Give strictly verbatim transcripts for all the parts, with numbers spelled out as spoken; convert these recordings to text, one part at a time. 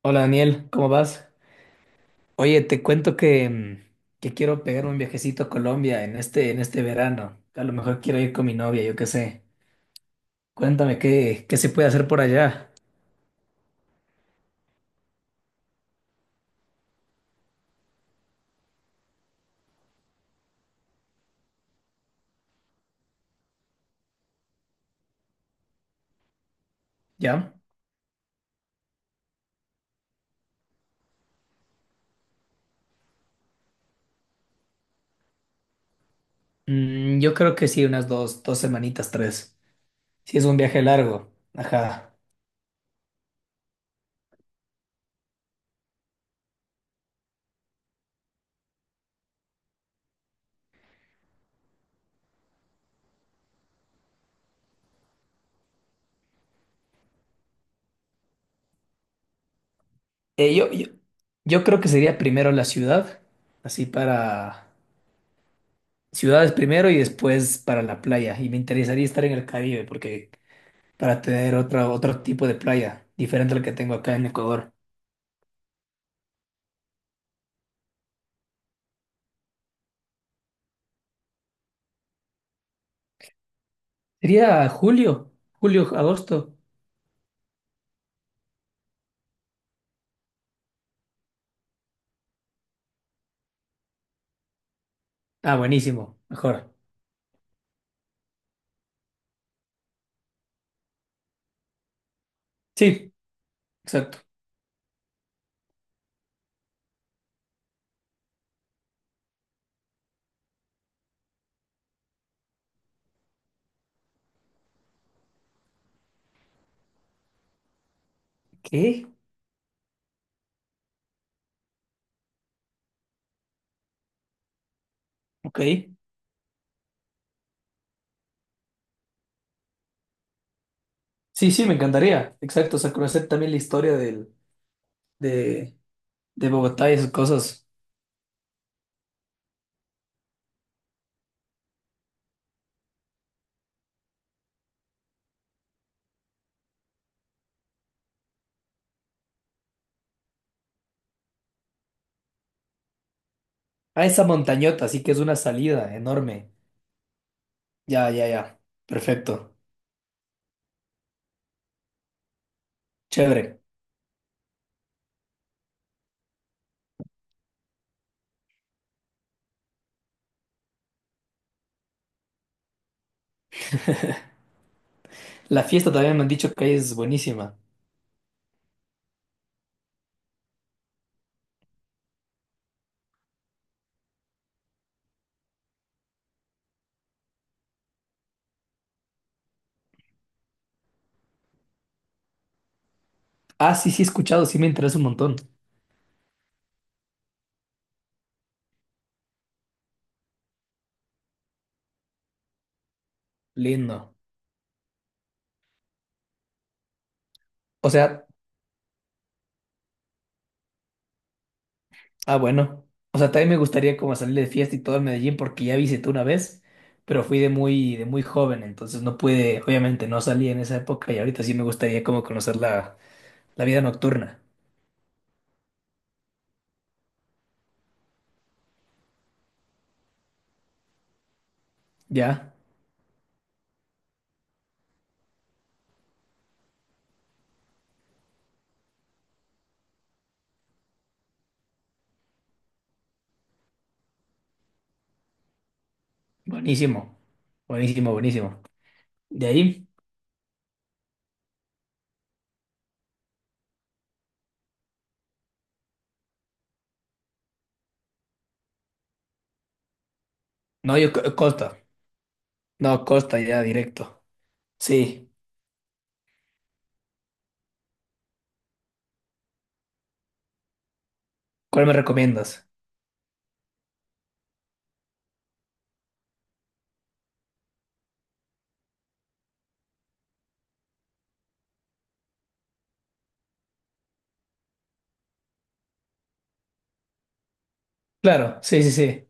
Hola Daniel, ¿cómo vas? Oye, te cuento que, mm, que quiero pegar un viajecito a Colombia en este, en este verano. A lo mejor quiero ir con mi novia, yo qué sé. Cuéntame qué, qué se puede hacer por allá, ¿ya? Mm, yo creo que sí, unas dos, dos semanitas, tres. Si es un viaje largo. Ajá. Eh, yo, yo, yo creo que sería primero la ciudad, así para ciudades primero y después para la playa. Y me interesaría estar en el Caribe, porque para tener otra, otro tipo de playa, diferente al que tengo acá en Ecuador. Sería julio, julio, agosto. Ah, buenísimo, mejor. Sí, exacto. ¿Qué? Ok. Sí, sí, me encantaría. Exacto, o sea, conocer también la historia del, de, de Bogotá y sus cosas. Ah, esa montañota, así que es una salida enorme. Ya, ya, ya. Perfecto. Chévere. La fiesta también me han dicho que es buenísima. Ah, sí, sí, he escuchado, sí me interesa un montón. Lindo. O sea. Ah, bueno. O sea, también me gustaría como salir de fiesta y todo en Medellín porque ya visité una vez, pero fui de muy, de muy joven, entonces no pude, obviamente no salí en esa época y ahorita sí me gustaría como conocer la, la vida nocturna. Ya, buenísimo, buenísimo, buenísimo. De ahí, no, yo co- Costa, no, Costa ya directo. Sí, ¿cuál me recomiendas? Claro, sí, sí, sí.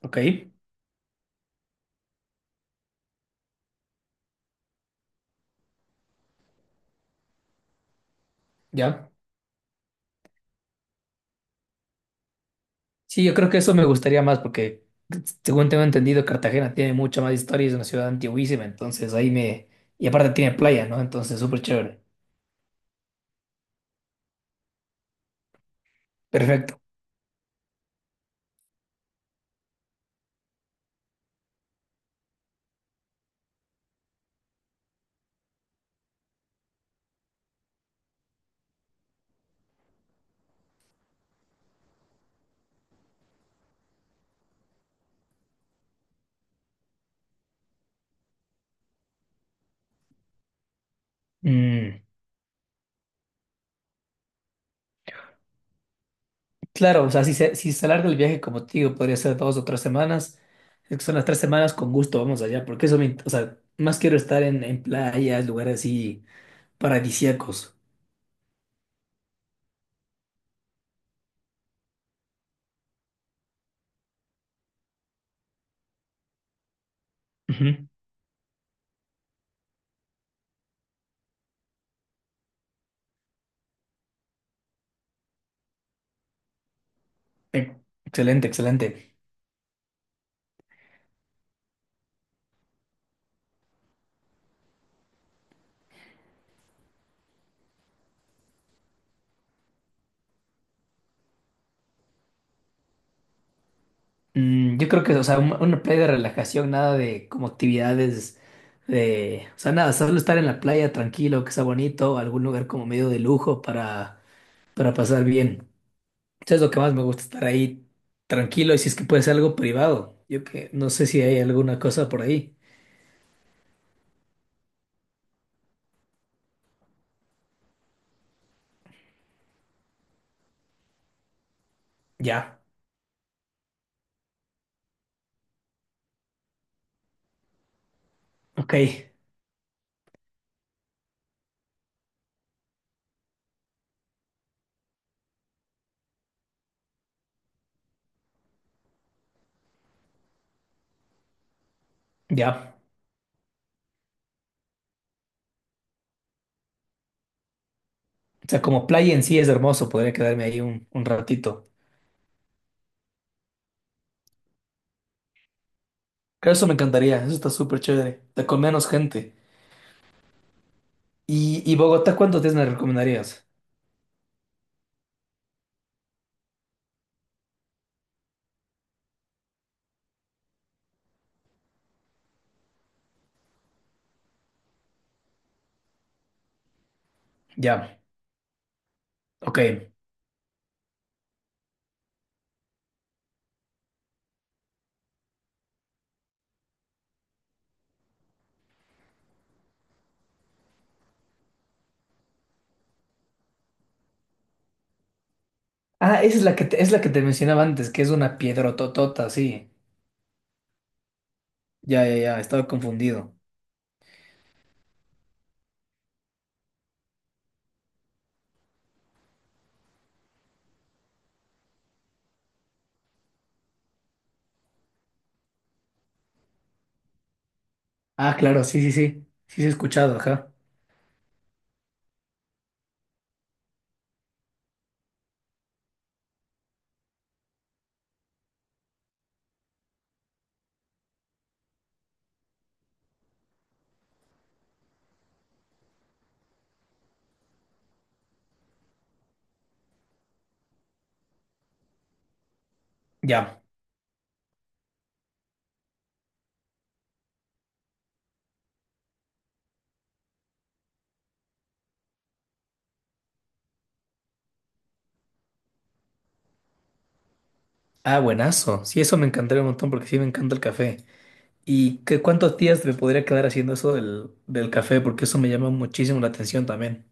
Ok, ya. Sí, yo creo que eso me gustaría más porque, según tengo entendido, Cartagena tiene mucha más historia y es una ciudad antiguísima, entonces ahí me... Y aparte tiene playa, ¿no? Entonces, súper chévere. Perfecto. Mm, claro, o sea, si se, si se alarga el viaje, como te digo, podría ser dos o tres semanas. Es que son las tres semanas, con gusto vamos allá, porque eso me... int- O sea, más quiero estar en, en playas, lugares así paradisíacos. Ujú. Ex- Excelente, excelente. Mm, yo creo que, o sea, un- una playa de relajación, nada de como actividades de, o sea, nada, solo estar en la playa tranquilo, que sea bonito, algún lugar como medio de lujo para, para pasar bien. Eso es lo que más me gusta, estar ahí tranquilo y si es que puede ser algo privado. Yo que no sé si hay alguna cosa por ahí. Ya, ok, ya. O sea, como playa en sí es hermoso, podría quedarme ahí un, un ratito. Creo eso me encantaría, eso está súper chévere, está con menos gente. ¿Y, y Bogotá cuántos días me recomendarías? Ya, ok. Ah, esa es la que te, es la que te mencionaba antes, que es una piedrototota, sí. Ya, ya, ya, estaba confundido. Ah, claro, sí, sí, sí. Sí, sí, he escuchado, ajá. Ya. Ah, buenazo. Sí, eso me encantaría un montón porque sí me encanta el café. ¿Y qué, cuántos días me podría quedar haciendo eso del, del café? Porque eso me llama muchísimo la atención también.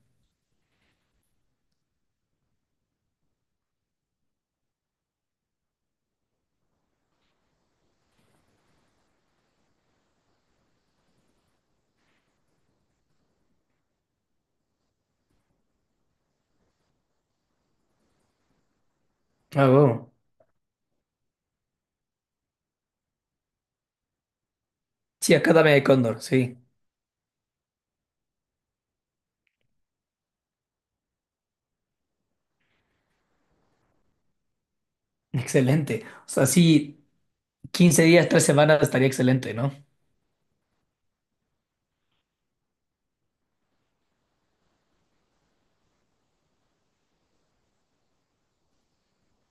Ah, wow. Sí, acá dame de cóndor, sí. Excelente. O sea, sí, quince días, tres semanas estaría excelente, ¿no?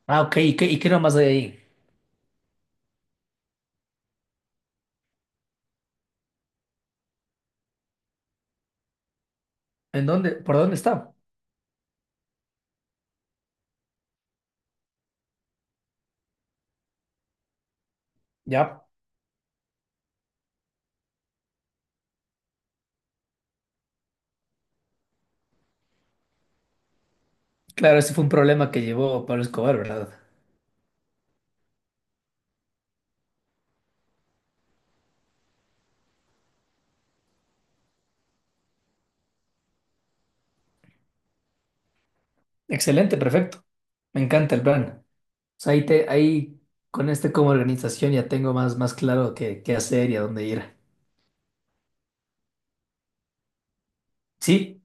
Ah, ok. ¿Y qué, y qué nomás hay ahí? ¿En dónde? ¿Por dónde está? Ya. Claro, ese fue un problema que llevó Pablo Escobar, ¿verdad? Excelente, perfecto. Me encanta el plan. O sea, ahí, te, ahí con este como organización ya tengo más, más claro qué, qué hacer y a dónde ir. Sí,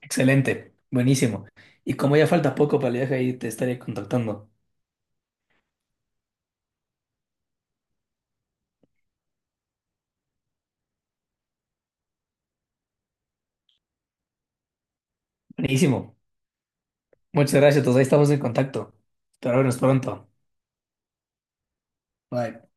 excelente, buenísimo. Y como ya falta poco para el viaje, ahí te estaré contactando. Buenísimo. Muchas gracias, entonces ahí estamos en contacto. Hasta nos pronto. Bye.